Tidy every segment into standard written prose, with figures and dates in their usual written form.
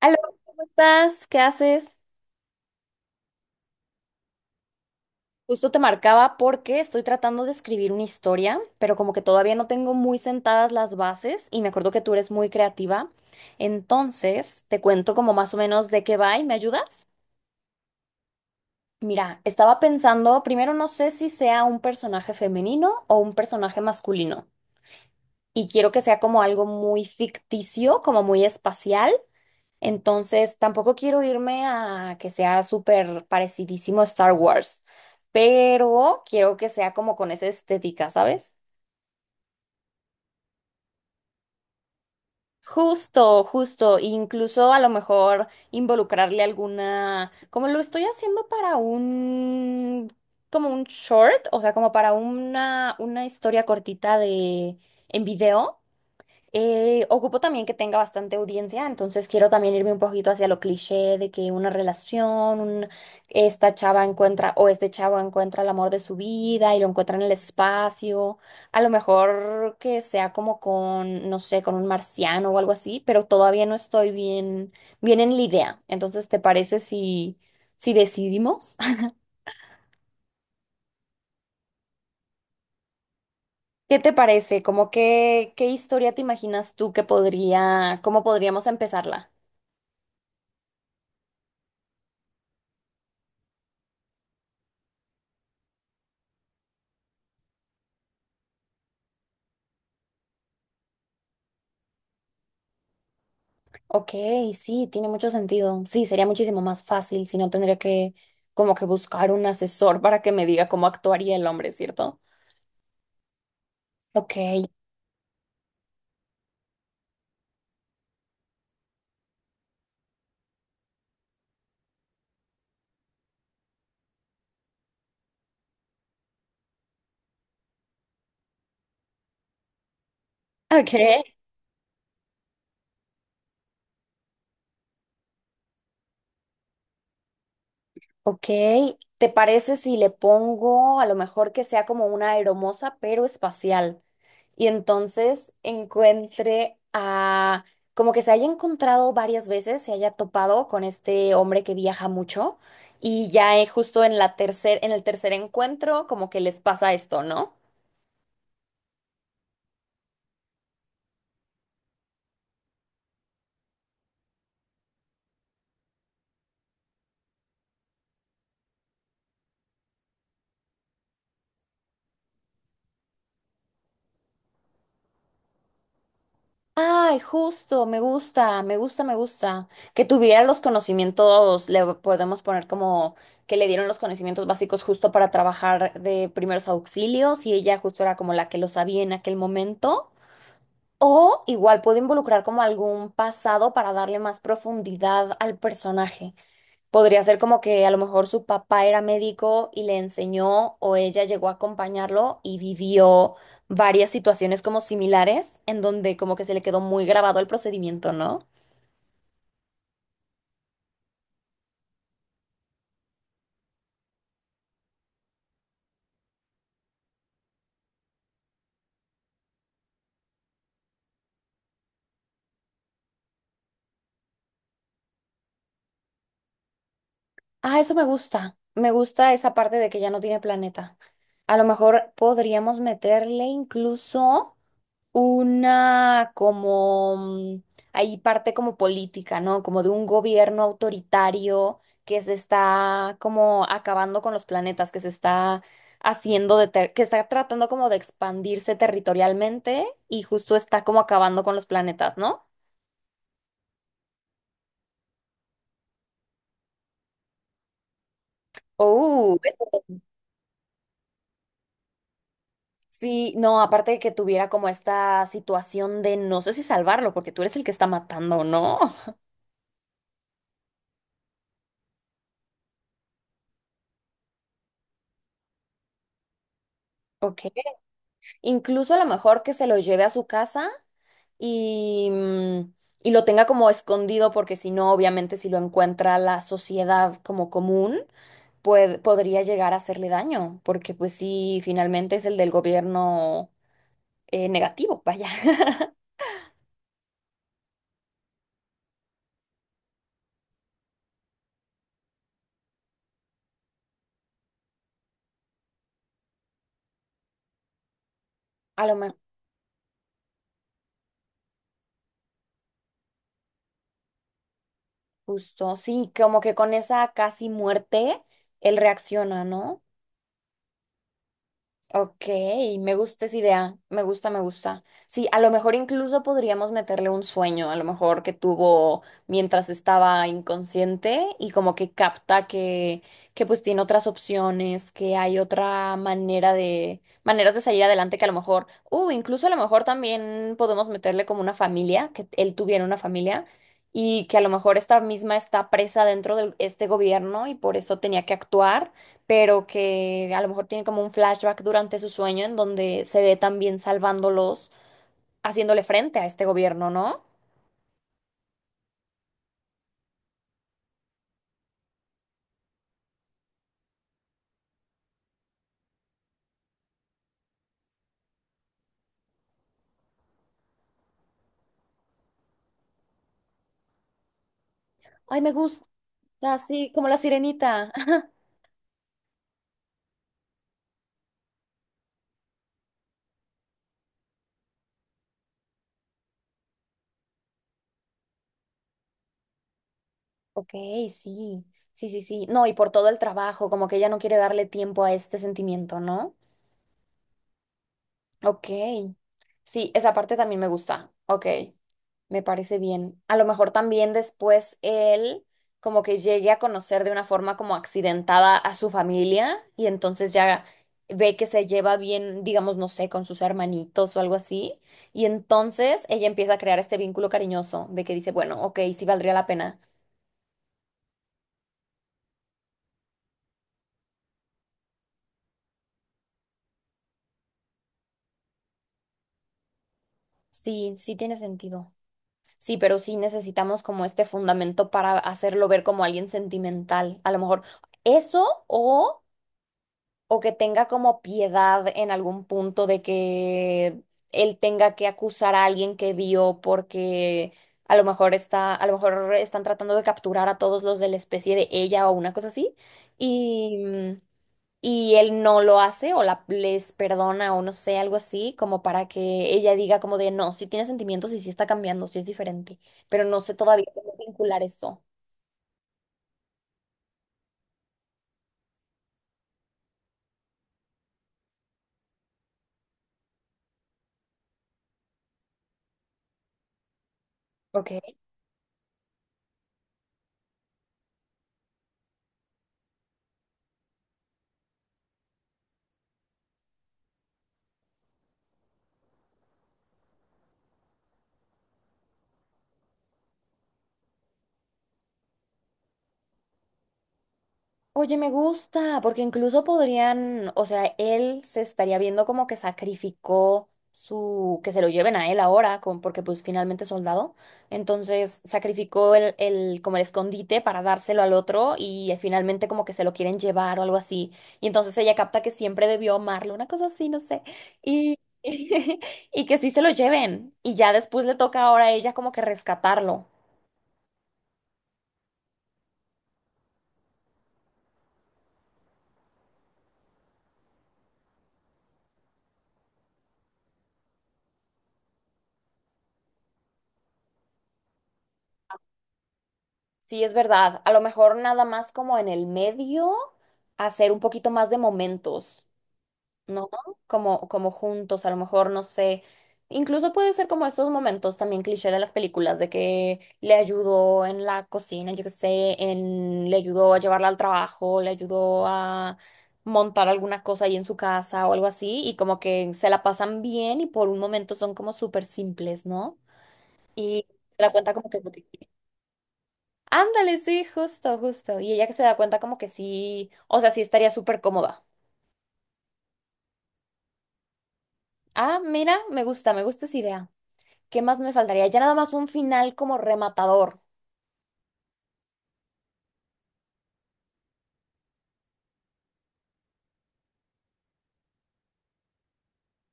Aló, ¿cómo estás? ¿Qué haces? Justo te marcaba porque estoy tratando de escribir una historia, pero como que todavía no tengo muy sentadas las bases y me acuerdo que tú eres muy creativa. Entonces, te cuento como más o menos de qué va y me ayudas. Mira, estaba pensando, primero no sé si sea un personaje femenino o un personaje masculino y quiero que sea como algo muy ficticio, como muy espacial. Entonces, tampoco quiero irme a que sea súper parecidísimo a Star Wars, pero quiero que sea como con esa estética, ¿sabes? Justo, justo, incluso a lo mejor involucrarle alguna, como lo estoy haciendo para un, como un short, o sea, como para una historia cortita de, en video. Ocupo también que tenga bastante audiencia, entonces quiero también irme un poquito hacia lo cliché de que una relación, esta chava encuentra o este chavo encuentra el amor de su vida y lo encuentra en el espacio. A lo mejor que sea como con, no sé, con un marciano o algo así, pero todavía no estoy bien, bien en la idea. Entonces, ¿te parece si, si decidimos? ¿Qué te parece? Como que, ¿qué historia te imaginas tú que podría, cómo podríamos empezarla? Ok, sí, tiene mucho sentido. Sí, sería muchísimo más fácil si no tendría que como que buscar un asesor para que me diga cómo actuaría el hombre, ¿cierto? Ok, ok, ok. ¿Te parece si le pongo a lo mejor que sea como una aeromoza pero espacial? Y entonces encuentre a como que se haya encontrado varias veces, se haya topado con este hombre que viaja mucho y ya justo en la tercer, en el tercer encuentro como que les pasa esto, ¿no? Ay, justo, me gusta, me gusta, me gusta. Que tuviera los conocimientos, le podemos poner como que le dieron los conocimientos básicos justo para trabajar de primeros auxilios y ella justo era como la que lo sabía en aquel momento. O igual puedo involucrar como algún pasado para darle más profundidad al personaje. Podría ser como que a lo mejor su papá era médico y le enseñó o ella llegó a acompañarlo y vivió varias situaciones como similares en donde como que se le quedó muy grabado el procedimiento, ¿no? Ah, eso me gusta. Me gusta esa parte de que ya no tiene planeta. A lo mejor podríamos meterle incluso una como, ahí parte como política, ¿no? Como de un gobierno autoritario que se está como acabando con los planetas, que se está haciendo de, que está tratando como de expandirse territorialmente y justo está como acabando con los planetas, ¿no? Oh, eso. Sí, no, aparte de que tuviera como esta situación de no sé si salvarlo, porque tú eres el que está matando, ¿no? Ok. Incluso a lo mejor que se lo lleve a su casa y, y lo tenga como escondido, porque si no, obviamente, si lo encuentra la sociedad como común, podría llegar a hacerle daño, porque pues sí, finalmente es el del gobierno negativo, vaya. A lo mejor, justo, sí, como que con esa casi muerte, él reacciona, ¿no? Ok, me gusta esa idea, me gusta, me gusta. Sí, a lo mejor incluso podríamos meterle un sueño, a lo mejor que tuvo mientras estaba inconsciente y como que capta que pues tiene otras opciones, que hay otra manera de, maneras de salir adelante que a lo mejor, incluso a lo mejor también podemos meterle como una familia, que él tuviera una familia y que a lo mejor esta misma está presa dentro de este gobierno y por eso tenía que actuar pero que a lo mejor tiene como un flashback durante su sueño en donde se ve también salvándolos, haciéndole frente a este gobierno, ¿no? Ay, me gusta, así como la sirenita. Ok, sí, sí, sí, sí. No, y por todo el trabajo, como que ella no quiere darle tiempo a este sentimiento, ¿no? Ok. Sí, esa parte también me gusta. Ok. Me parece bien. A lo mejor también después él como que llegue a conocer de una forma como accidentada a su familia y entonces ya ve que se lleva bien, digamos, no sé, con sus hermanitos o algo así. Y entonces ella empieza a crear este vínculo cariñoso de que dice, bueno, ok, sí valdría la pena. Sí, sí tiene sentido. Sí, pero sí necesitamos como este fundamento para hacerlo ver como alguien sentimental. A lo mejor eso o que tenga como piedad en algún punto de que él tenga que acusar a alguien que vio porque a lo mejor está, a lo mejor están tratando de capturar a todos los de la especie de ella o una cosa así, y, y él no lo hace o la, les perdona o no sé, algo así, como para que ella diga como de no, si tiene sentimientos y si está cambiando, si es diferente, pero no sé todavía cómo vincular eso. Ok. Oye, me gusta, porque incluso podrían, o sea, él se estaría viendo como que sacrificó su, que se lo lleven a él ahora, con, porque pues finalmente es soldado, entonces sacrificó el, como el escondite para dárselo al otro y finalmente como que se lo quieren llevar o algo así, y entonces ella capta que siempre debió amarlo, una cosa así, no sé, y, y que sí se lo lleven, y ya después le toca ahora a ella como que rescatarlo. Sí, es verdad. A lo mejor nada más como en el medio, hacer un poquito más de momentos, ¿no? Como, como juntos, a lo mejor, no sé. Incluso puede ser como estos momentos también cliché de las películas, de que le ayudó en la cocina, yo qué sé, en, le ayudó a llevarla al trabajo, le ayudó a montar alguna cosa ahí en su casa o algo así, y como que se la pasan bien y por un momento son como súper simples, ¿no? Y se la cuenta como que... Ándale, sí, justo, justo. Y ella que se da cuenta como que sí, o sea, sí estaría súper cómoda. Ah, mira, me gusta esa idea. ¿Qué más me faltaría? Ya nada más un final como rematador.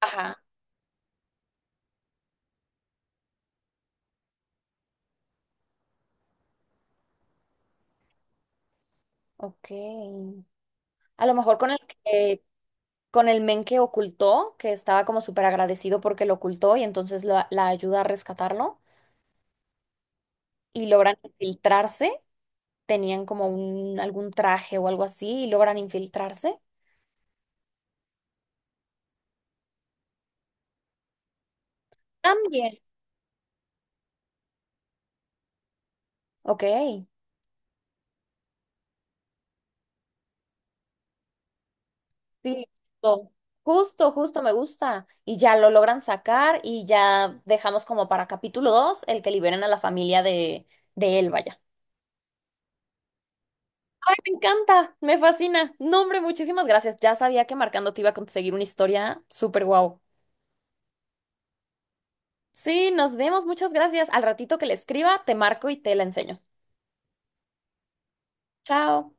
Ajá. Ok. A lo mejor con el que, con el men que ocultó, que estaba como súper agradecido porque lo ocultó y entonces la ayuda a rescatarlo y logran infiltrarse. Tenían como un, algún traje o algo así y logran infiltrarse. También. Ok. Listo, justo, justo, me gusta. Y ya lo logran sacar y ya dejamos como para capítulo 2 el que liberen a la familia de él, vaya. Ay, me encanta, me fascina. No, hombre, muchísimas gracias. Ya sabía que marcando te iba a conseguir una historia súper guau. Sí, nos vemos, muchas gracias. Al ratito que le escriba, te marco y te la enseño. Chao.